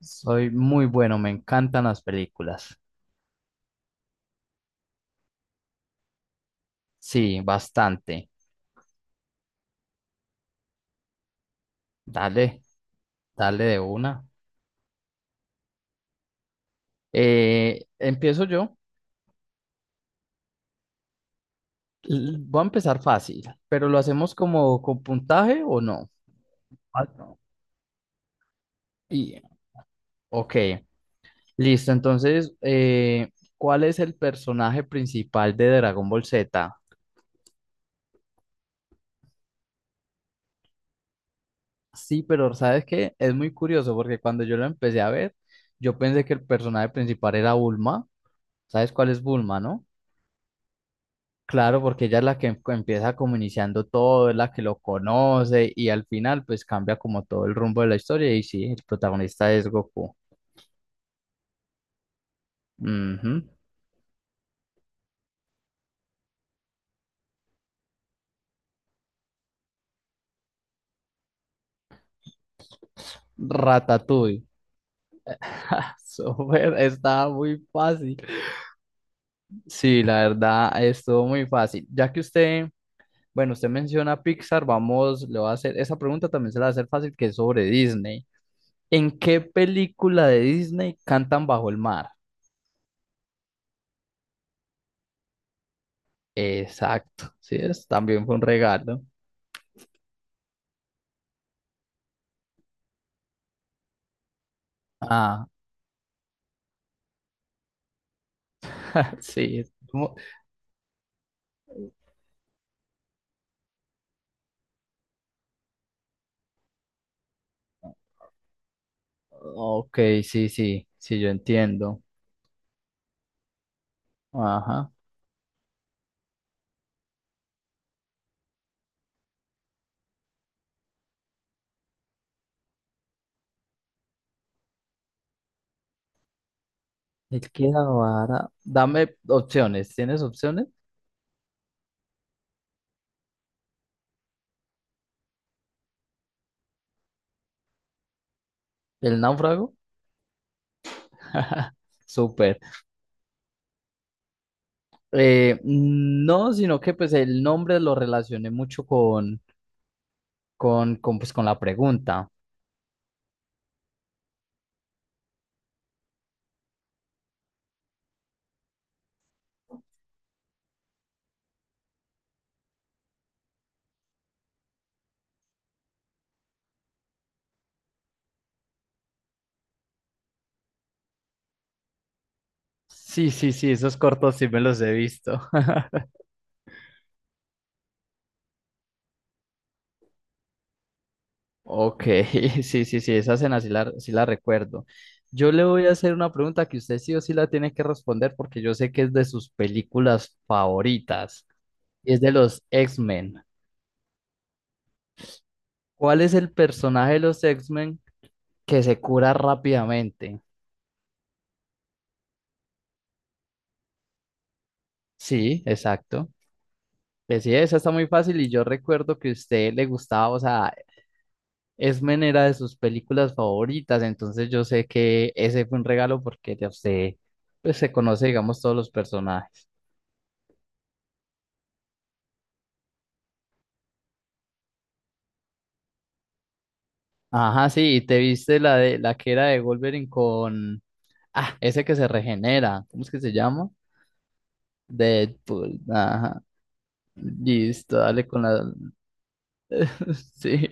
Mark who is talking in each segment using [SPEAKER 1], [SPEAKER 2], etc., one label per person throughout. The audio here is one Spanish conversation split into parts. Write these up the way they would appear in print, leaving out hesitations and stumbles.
[SPEAKER 1] Soy muy bueno, me encantan las películas. Sí, bastante. Dale, dale de una. Empiezo yo. Voy a empezar fácil, pero ¿lo hacemos como con puntaje o no? Ah, no. Y, ok, listo. Entonces, ¿cuál es el personaje principal de Dragon Ball Z? Sí, pero ¿sabes qué? Es muy curioso porque cuando yo lo empecé a ver, yo pensé que el personaje principal era Bulma. ¿Sabes cuál es Bulma, no? Claro, porque ella es la que empieza como iniciando todo, es la que lo conoce y al final pues cambia como todo el rumbo de la historia y sí, el protagonista es Goku. Ujú. Ratatouille. Súper, estaba muy fácil. Sí, la verdad, estuvo muy fácil. Ya que usted, bueno, usted menciona Pixar, vamos, le voy a hacer, esa pregunta también se la va a hacer fácil, que es sobre Disney. ¿En qué película de Disney cantan bajo el mar? Exacto, sí, es, también fue un regalo. Ah, sí, es como. Ok, sí, sí, sí, yo entiendo. Ajá. Él queda vara. Dame opciones. ¿Tienes opciones? ¿El náufrago? Súper. No, sino que pues el nombre lo relacioné mucho con, pues, con la pregunta. Sí, sí, sí, esos cortos sí me los he visto. Ok, sí, sí, sí, esa cena sí la recuerdo. Yo le voy a hacer una pregunta que usted sí o sí la tiene que responder porque yo sé que es de sus películas favoritas y es de los X-Men. ¿Cuál es el personaje de los X-Men que se cura rápidamente? Sí, exacto. Pues sí, esa está muy fácil y yo recuerdo que a usted le gustaba, o sea, X-Men era de sus películas favoritas, entonces yo sé que ese fue un regalo porque de usted pues, se conoce, digamos, todos los personajes. Ajá, sí, y te viste la de la que era de Wolverine con ese que se regenera, ¿cómo es que se llama? Deadpool, ajá. Listo, dale con la sí.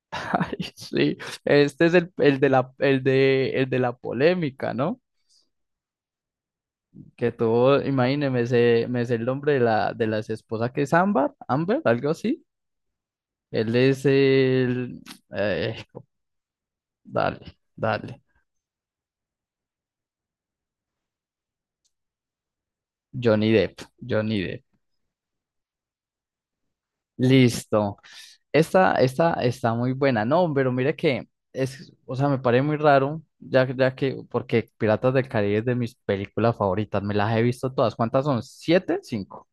[SPEAKER 1] Ay, sí. Este es el de la polémica, ¿no? Que tuvo, imagíneme, me sé el nombre de la de las esposas que es Ámbar, Amber, algo así. Él es el eh, dale, dale. Johnny Depp, Johnny Depp. Listo. Esta está muy buena, no, pero mira que es, o sea, me parece muy raro, ya, ya que, porque Piratas del Caribe es de mis películas favoritas, me las he visto todas. ¿Cuántas son? ¿Siete? ¿Cinco?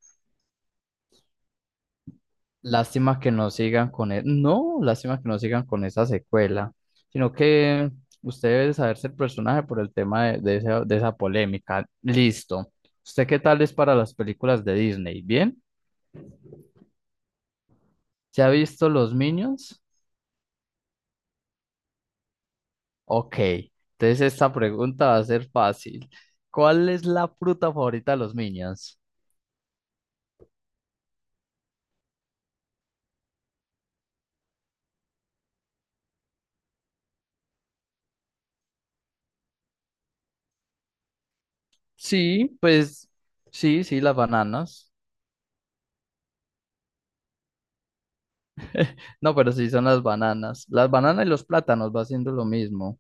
[SPEAKER 1] Lástima que no sigan con, no, lástima que no sigan con esa secuela, sino que usted debe saberse el personaje por el tema de esa polémica. Listo. ¿Usted qué tal es para las películas de Disney? ¿Bien? ¿Se ha visto Los Minions? Ok, entonces esta pregunta va a ser fácil. ¿Cuál es la fruta favorita de los niños? Sí, pues sí, sí, las bananas. No, pero sí son las bananas. Las bananas y los plátanos va haciendo lo mismo.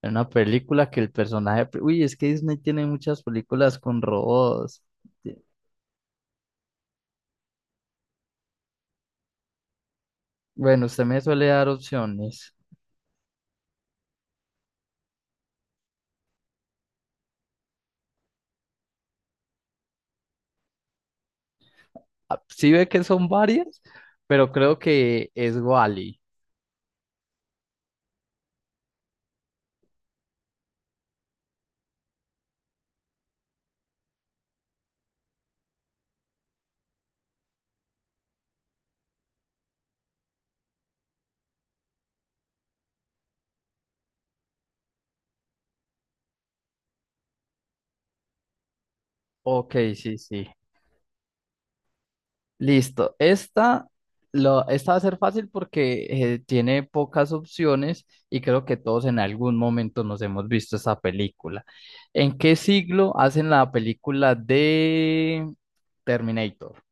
[SPEAKER 1] En una película que el personaje uy, es que Disney tiene muchas películas con robots. Bueno, usted me suele dar opciones. Ah, sí ve que son varias, pero creo que es Wally. Ok, sí, sí. Listo. Esta, esta va a ser fácil porque tiene pocas opciones y creo que todos en algún momento nos hemos visto esta película. ¿En qué siglo hacen la película de Terminator?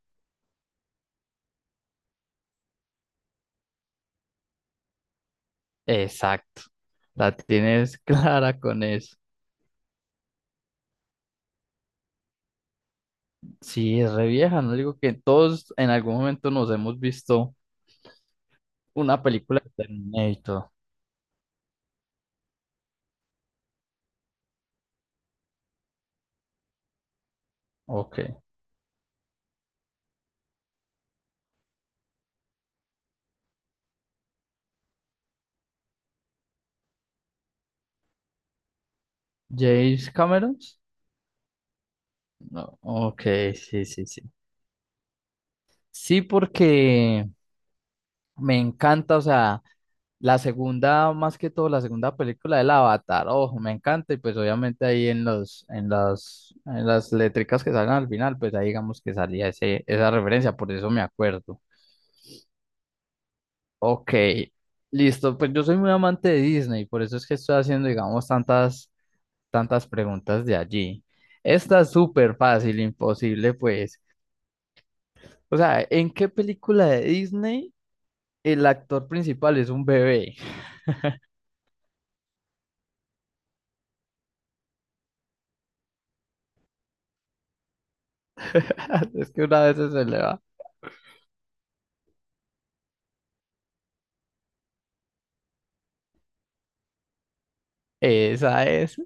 [SPEAKER 1] Exacto. La tienes clara con eso. Sí, es re vieja, no digo que todos en algún momento nos hemos visto una película de Terminator. Ok. ¿James Cameron? No. Ok, sí, sí, sí. Sí, porque me encanta, o sea, la segunda, más que todo, la segunda película del Avatar, ojo, me encanta, y pues obviamente ahí en las letricas que salen al final, pues ahí digamos que salía esa referencia, por eso me acuerdo. Ok, listo. Pues yo soy muy amante de Disney, por eso es que estoy haciendo, digamos, tantas preguntas de allí. Esta es súper fácil, imposible, pues. O sea, ¿en qué película de Disney el actor principal es un bebé? Es que una vez se le va. Esa es.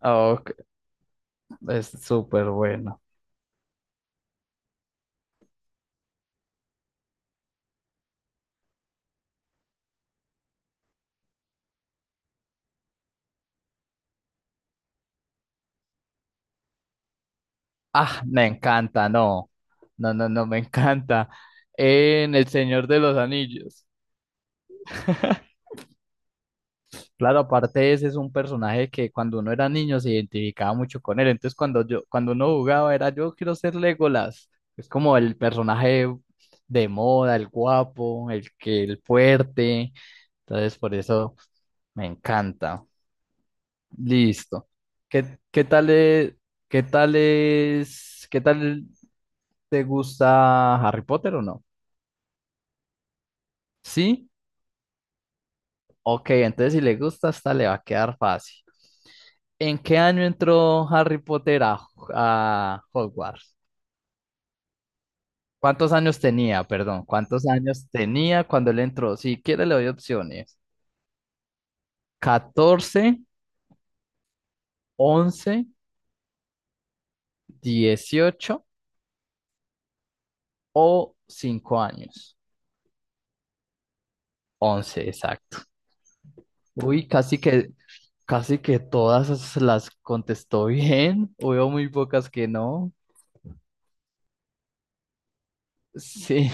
[SPEAKER 1] Ok, es súper bueno. Ah, me encanta, no. No, no, no, me encanta. En El Señor de los Anillos. Claro, aparte ese es un personaje que cuando uno era niño se identificaba mucho con él. Entonces cuando uno jugaba era yo quiero ser Legolas. Es como el personaje de moda, el guapo, el que, el fuerte. Entonces por eso me encanta. Listo. ¿Qué, qué tal es, qué tal es, qué tal te gusta Harry Potter o no? ¿Sí? Ok, entonces si le gusta, esta le va a quedar fácil. ¿En qué año entró Harry Potter a, Hogwarts? ¿Cuántos años tenía? Perdón, ¿cuántos años tenía cuando él entró? Si quiere le doy opciones. ¿14, 11, 18 o 5 años? 11, exacto. Uy, casi que todas las contestó bien. Hubo muy pocas que no. Sí.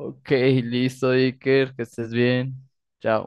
[SPEAKER 1] Ok, listo, Iker, que estés bien. Chao.